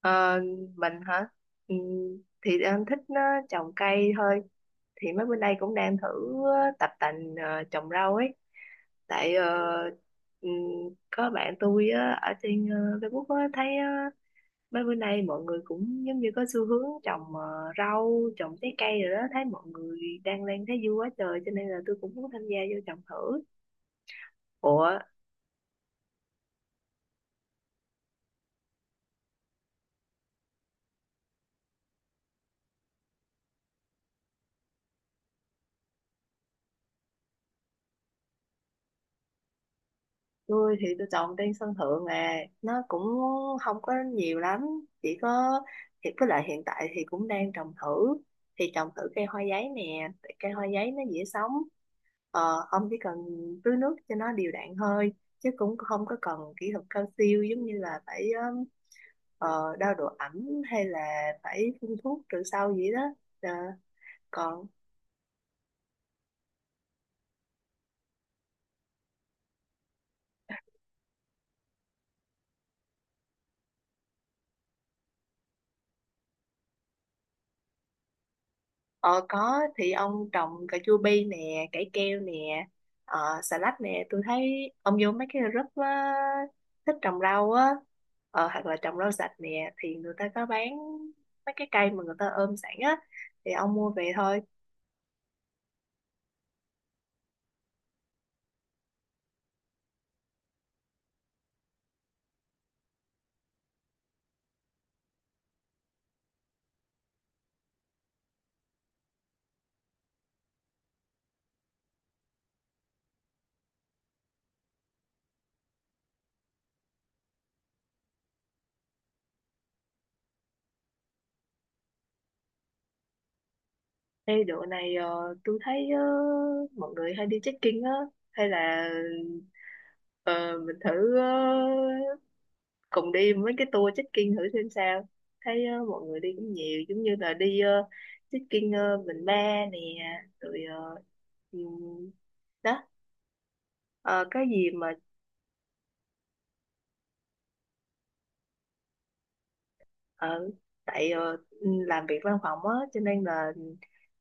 Ờ, mình hả? Ừ, thì em thích trồng cây thôi. Thì mấy bữa nay cũng đang thử ờ, tập tành trồng rau ấy. Tại ừ, có bạn tôi á, ở trên Facebook á, thấy mấy bữa nay mọi người cũng giống như có xu hướng trồng rau, trồng trái cây rồi đó. Thấy mọi người đang lên thấy vui quá trời cho nên là tôi cũng muốn tham gia vô trồng thử. Ủa, tôi thì tôi trồng trên sân thượng nè, nó cũng không có nhiều lắm chỉ có. Thì với lại hiện tại thì cũng đang trồng thử cây hoa giấy nè, tại cây hoa giấy nó dễ sống, ông chỉ cần tưới nước cho nó đều đặn thôi, chứ cũng không có cần kỹ thuật cao siêu giống như là phải đo độ ẩm hay là phải phun thuốc trừ sâu gì đó. Ờ, còn Ờ Có thì ông trồng cà chua bi nè, cải keo nè, xà lách nè. Tôi thấy ông vô mấy cái group á, thích trồng rau á, hoặc là trồng rau sạch nè, thì người ta có bán mấy cái cây mà người ta ôm sẵn á, thì ông mua về thôi. Ê độ này tôi thấy mọi người hay đi trekking á, hay là Ờ, mình thử cùng đi mấy cái tour trekking thử xem sao. Thấy mọi người đi cũng nhiều, giống như là đi trekking Bình Ba nè, rồi ờ, ừm, đó Ờ, cái gì mà ở tại làm việc văn phòng á, cho nên là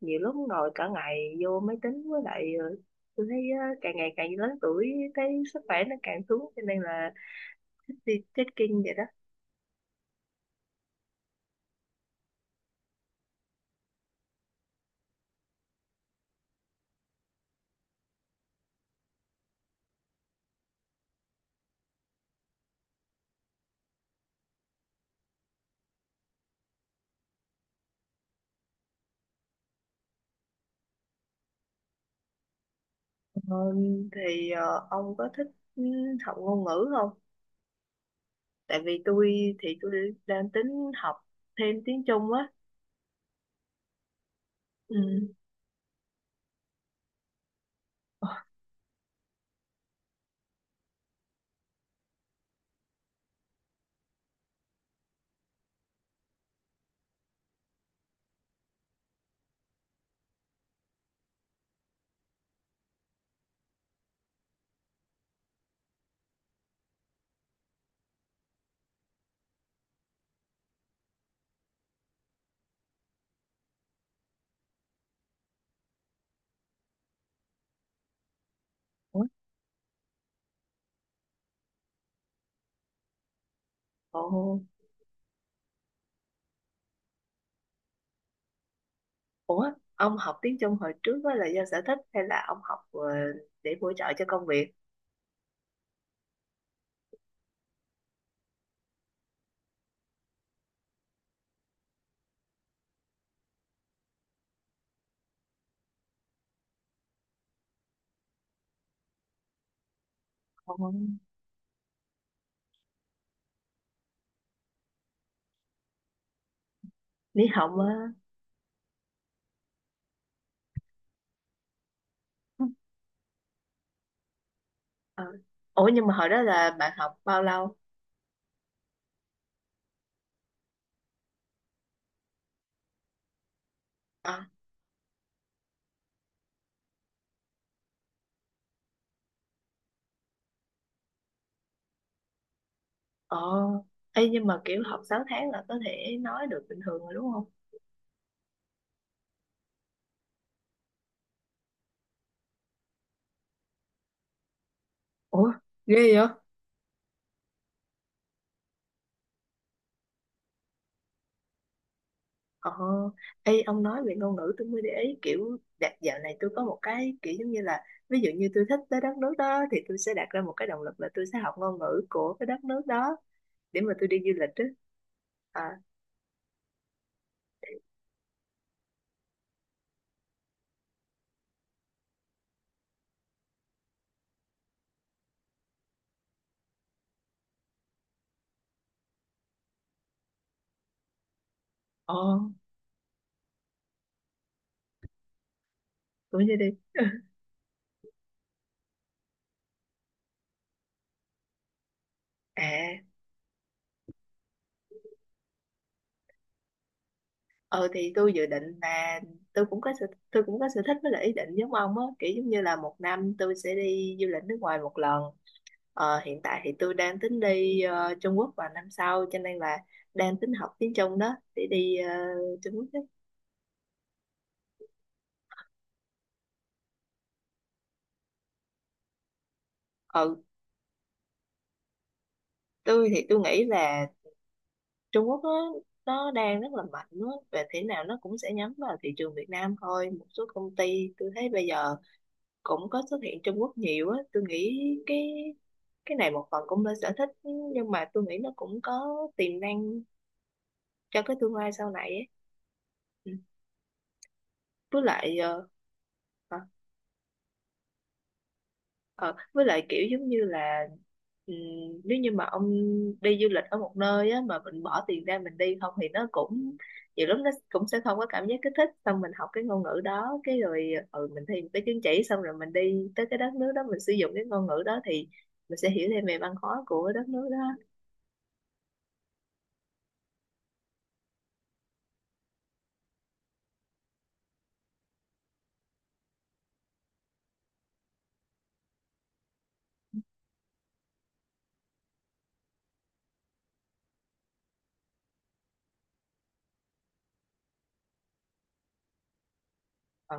nhiều lúc ngồi cả ngày vô máy tính, với lại tôi thấy càng ngày càng lớn tuổi thấy sức khỏe nó càng xuống, cho nên là thích đi trekking vậy đó. Ờ, thì ông có thích ừ, học ngôn ngữ không? Tại vì tôi thì tôi đang tính học thêm tiếng Trung á. Ừ. Ủa? Ồ, ủa? Ông học tiếng Trung hồi trước á là do sở thích hay là ông học để bổ trợ cho công việc? Ồ, lý học á. Ờ. Ủa nhưng mà hồi đó là bạn học bao lâu? À, ồ, ê, nhưng mà kiểu học 6 tháng là có thể nói được bình thường rồi đúng không? Ủa, ghê vậy? Ờ, ê, ông nói về ngôn ngữ tôi mới để ý kiểu đạt dạo này tôi có một cái kiểu giống như là, ví dụ như tôi thích tới đất nước đó thì tôi sẽ đặt ra một cái động lực là tôi sẽ học ngôn ngữ của cái đất nước đó để mà tôi đi du lịch đó. À, ồ, tôi như đi. À, ừ thì tôi dự định là tôi cũng có sở thích với lại ý định giống ông á, kiểu giống như là một năm tôi sẽ đi du lịch nước ngoài một lần. Hiện tại thì tôi đang tính đi Trung Quốc vào năm sau, cho nên là đang tính học tiếng Trung đó để đi Trung Quốc đó. Ừ, tôi thì tôi nghĩ là Trung Quốc nó đang rất là mạnh á, về thế nào nó cũng sẽ nhắm vào thị trường Việt Nam thôi. Một số công ty tôi thấy bây giờ cũng có xuất hiện Trung Quốc nhiều á, tôi nghĩ cái cái này một phần cũng là sở thích, nhưng mà tôi nghĩ nó cũng có tiềm năng cho cái tương lai sau này ấy. Ừ. Với lại hả? Ờ, với lại kiểu giống như là, ừm, nếu như mà ông đi du lịch ở một nơi á, mà mình bỏ tiền ra mình đi không thì nó cũng nhiều lúc nó cũng sẽ không có cảm giác kích thích, xong mình học cái ngôn ngữ đó cái rồi mình thi một cái chứng chỉ, xong rồi mình đi tới cái đất nước đó mình sử dụng cái ngôn ngữ đó thì mình sẽ hiểu thêm về văn hóa của đất nước đó. Ờ.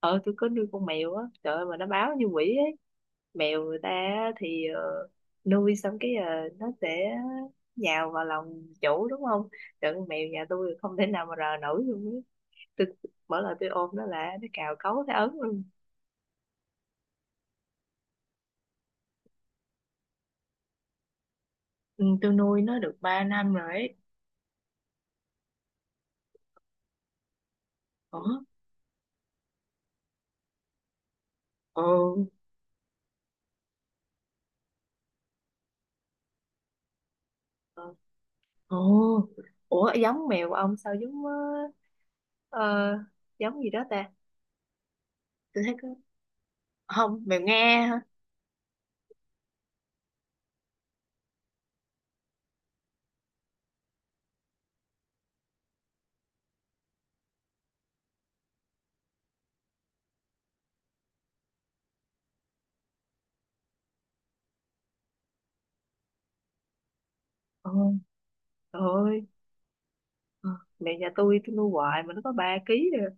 ờ tôi có nuôi con mèo á, trời ơi mà nó báo như quỷ ấy. Mèo người ta á thì nuôi xong cái nó sẽ nhào vào lòng chủ đúng không, trời con mèo nhà tôi không thể nào mà rờ nổi luôn ấy. tôi mỗi lần tôi ôm nó là nó cào cấu thấy ấn luôn. Ừ, tôi nuôi nó được 3 năm rồi ấy. Ủa. Ồ. ờ, Ồ. Ủa, giống mèo của ông sao giống ờ, giống gì đó ta. Tôi thấy có không mèo nghe hả. Ồ. Trời ơi, Ờ, mẹ nhà tôi nuôi hoài mà nó có 3 ký rồi.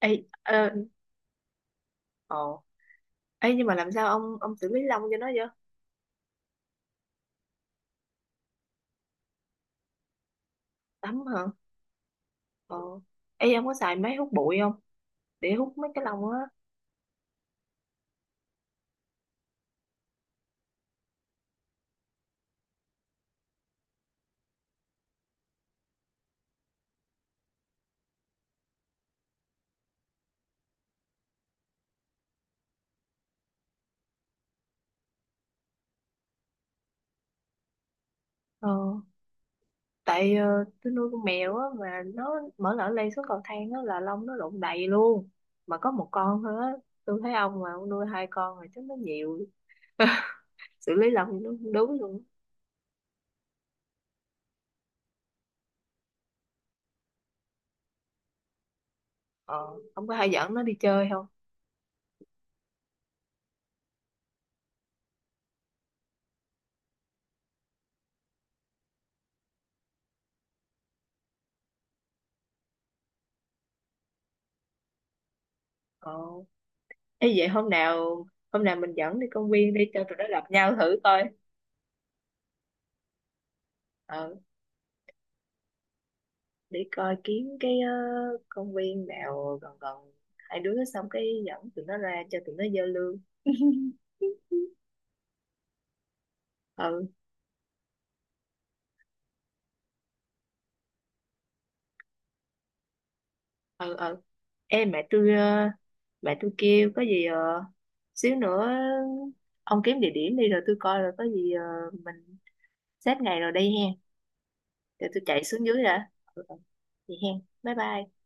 Ê, ồ. Ê, nhưng mà làm sao ông xử lý lông cho nó vậy? Tắm hả? Ờ. Ê, ông có xài máy hút bụi không? Để hút mấy cái lông á. Ờ. Tại tôi nuôi con mèo á mà nó mở lỡ lên xuống cầu thang á là lông nó lộn đầy luôn. Mà có một con thôi á. Tôi thấy ông mà ông nuôi hai con rồi chắc nó nhiều. Xử lý lông nó không đúng luôn. Ờ. Ông có hay dẫn nó đi chơi không? Ờ. Ê, vậy hôm nào mình dẫn đi công viên đi cho tụi nó gặp nhau thử coi. Ờ, để coi kiếm cái công viên nào gần gần hai đứa, xong cái dẫn tụi nó ra cho tụi nó giao lưu. Ừ, ừ, ừ. Ê, mẹ tôi kêu có gì xíu nữa ông kiếm địa điểm đi rồi tôi coi, rồi có gì mình xếp ngày rồi đi hen. Để tôi chạy xuống dưới đã. Ừ, ừ. Vậy hen. Bye bye.